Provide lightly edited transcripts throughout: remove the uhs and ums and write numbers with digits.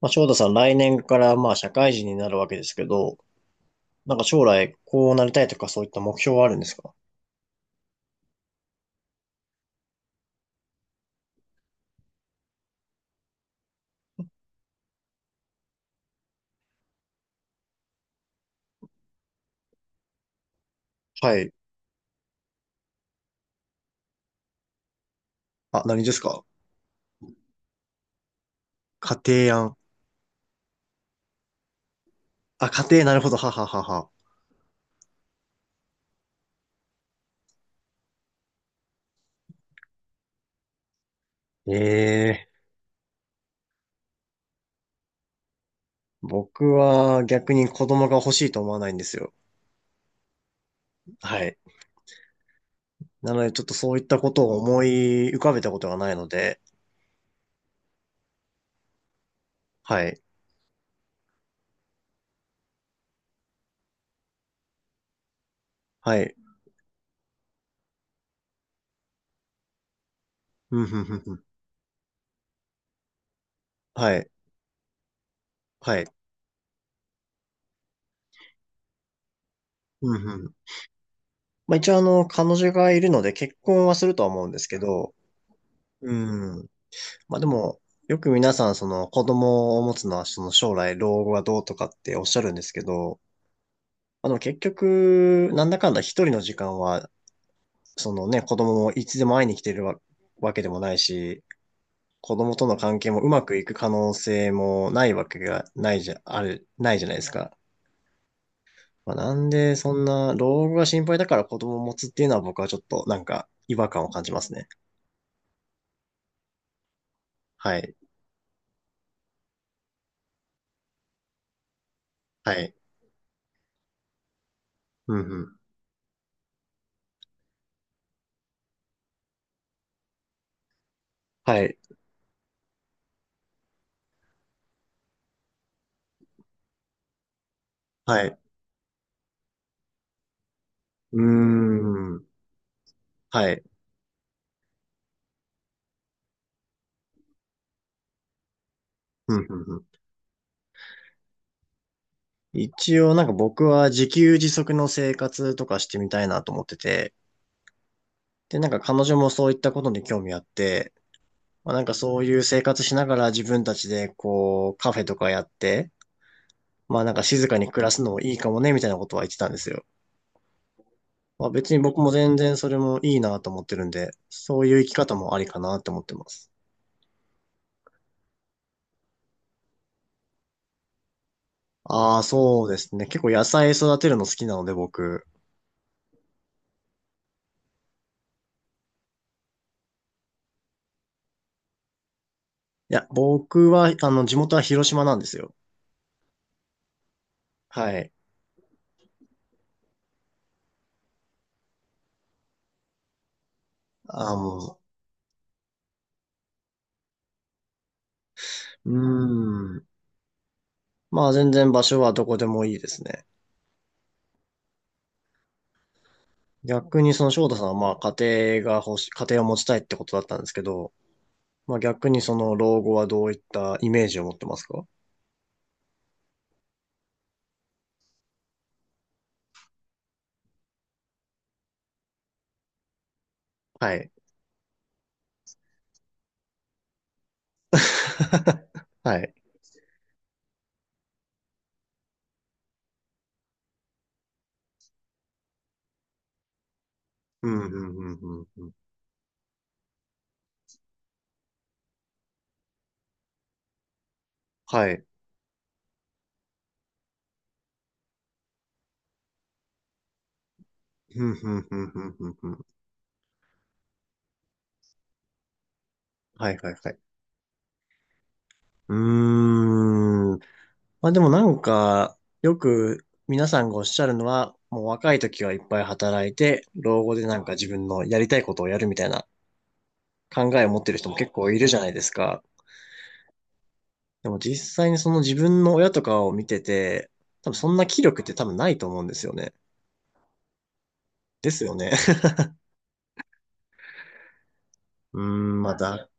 翔太さん、来年から社会人になるわけですけど、将来こうなりたいとかそういった目標はあるんですか？はい。あ、何ですか？家庭案。あ、家庭、なるほど。はははは。ええ、僕は逆に子供が欲しいと思わないんですよ。はい。なのでちょっとそういったことを思い浮かべたことがないので、はい。はい。うん、ふんふんふん。はい。はい。うん、ふん。まあ一応彼女がいるので結婚はするとは思うんですけど、うん。まあでも、よく皆さん、その子供を持つのは、その将来老後はどうとかっておっしゃるんですけど、あの結局、なんだかんだ一人の時間は、そのね、子供もいつでも会いに来てるわ、わけでもないし、子供との関係もうまくいく可能性もないわけがないじゃ、ある、ないじゃないですか。まあ、なんで、そんな、老後が心配だから子供を持つっていうのは僕はちょっとなんか違和感を感じますね。はい。はい。うんうん。はい。はい。うーん。はい。うんうんうん。一応なんか僕は自給自足の生活とかしてみたいなと思ってて、で、なんか彼女もそういったことに興味あって、そういう生活しながら自分たちでこうカフェとかやって、まあなんか静かに暮らすのもいいかもねみたいなことは言ってたんですよ。まあ別に僕も全然それもいいなと思ってるんで、そういう生き方もありかなって思ってます。ああ、そうですね。結構野菜育てるの好きなので僕。いや、僕は、あの、地元は広島なんですよ。はい。あの、もううーまあ全然場所はどこでもいいですね。逆にその翔太さんはまあ家庭が欲し、家庭を持ちたいってことだったんですけど、まあ逆にその老後はどういったイメージを持ってますか？はい。はい。うん、うん、うん、うん。うん。はい。うん、うん、うん、うん、うん。うん。はい、はい、はい。うーん。まあでもなんか、よく皆さんがおっしゃるのは、もう若い時はいっぱい働いて、老後でなんか自分のやりたいことをやるみたいな考えを持ってる人も結構いるじゃないですか。でも実際にその自分の親とかを見てて、多分そんな気力って多分ないと思うんですよね。ですよね。うーん、まだ。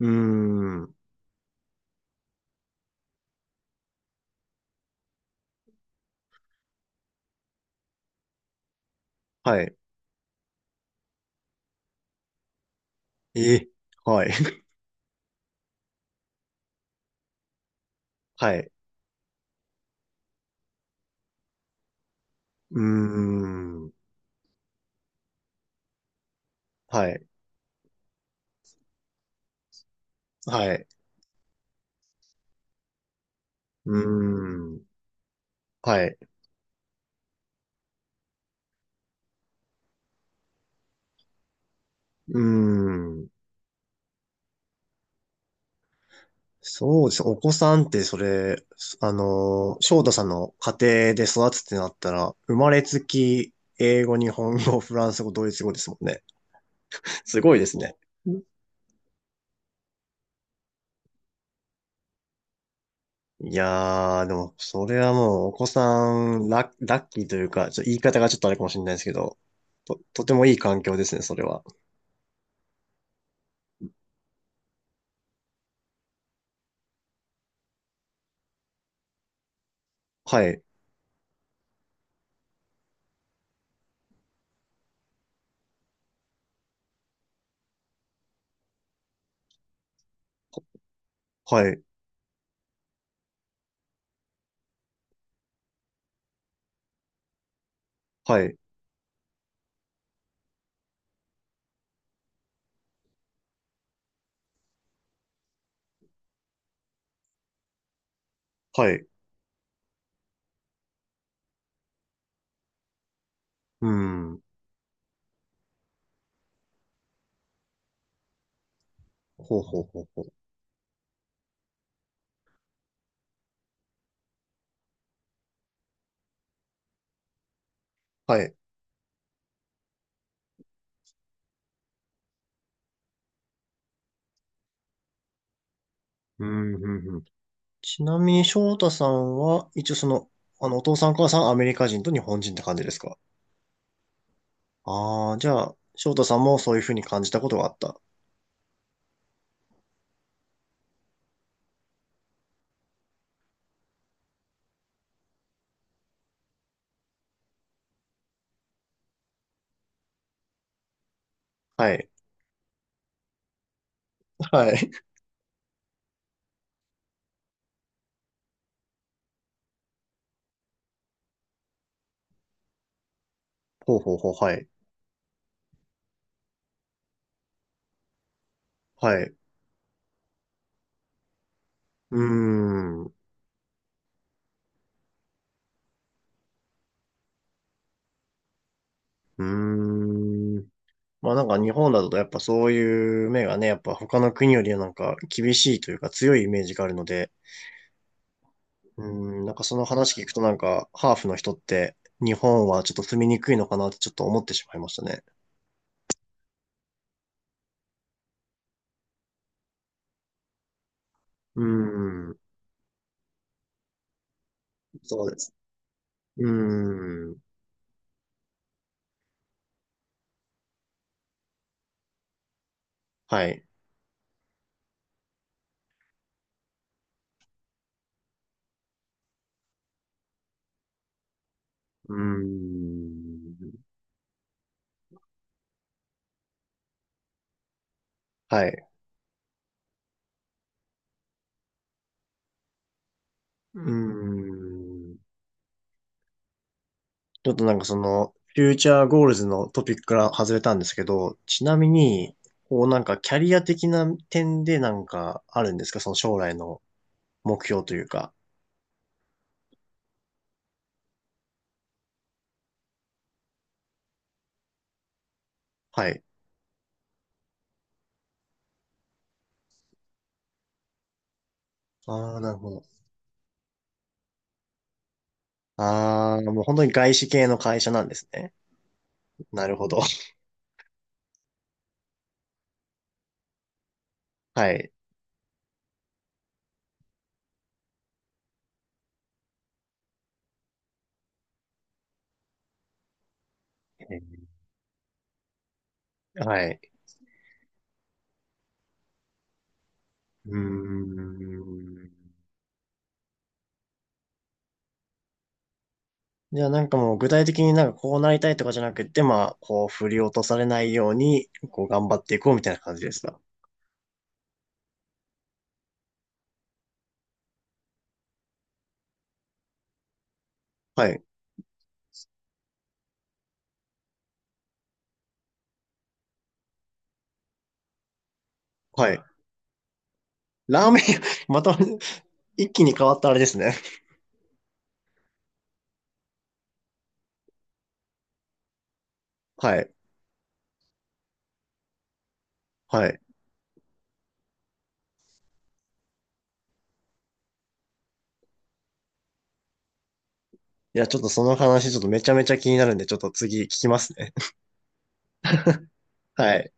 うーん。はい。え、はい。はい。うーん。はい。はい。うーん。はい。うーん。そうです。お子さんってそれ、あの、翔太さんの家庭で育つってなったら、生まれつき英語、日本語、フランス語、ドイツ語ですもんね。すごいですね。いやー、でも、それはもう、お子さん、ラ、ラッキーというか、ちょっと言い方がちょっとあれかもしれないですけど、と、とてもいい環境ですね、それは。はい、はい、はい、はい。うん。ほうほうほうほう。はい。うん、うん、うん。ちなみに、翔太さんは、一応その、あの、お父さん、お母さん、アメリカ人と日本人って感じですか？ああー、じゃあ、翔太さんもそういうふうに感じたことがあった。はい、はい。ほうほうほう、はい、はい。うーん、うーん。まあなんか日本だとやっぱそういう目がね、やっぱ他の国よりなんか厳しいというか強いイメージがあるので、うん、なんかその話聞くとなんかハーフの人って日本はちょっと住みにくいのかなってちょっと思ってしまいましたね。うん、そうです。うん、はい。うん、はい。うん。ちょっとなんかその、フューチャーゴールズのトピックから外れたんですけど、ちなみに、こうなんかキャリア的な点でなんかあるんですか、その将来の目標というか。はい。ああ、なるほど。ああ、もう本当に外資系の会社なんですね。なるほど。はい。はい。うーん。じゃあなんかもう具体的になんかこうなりたいとかじゃなくて、まあ、こう振り落とされないように、こう頑張っていこうみたいな感じですか？はい。はい。ラーメン屋、また 一気に変わったあれですね。はい。はい。いや、ちょっとその話、ちょっとめちゃめちゃ気になるんで、ちょっと次聞きますね。はい。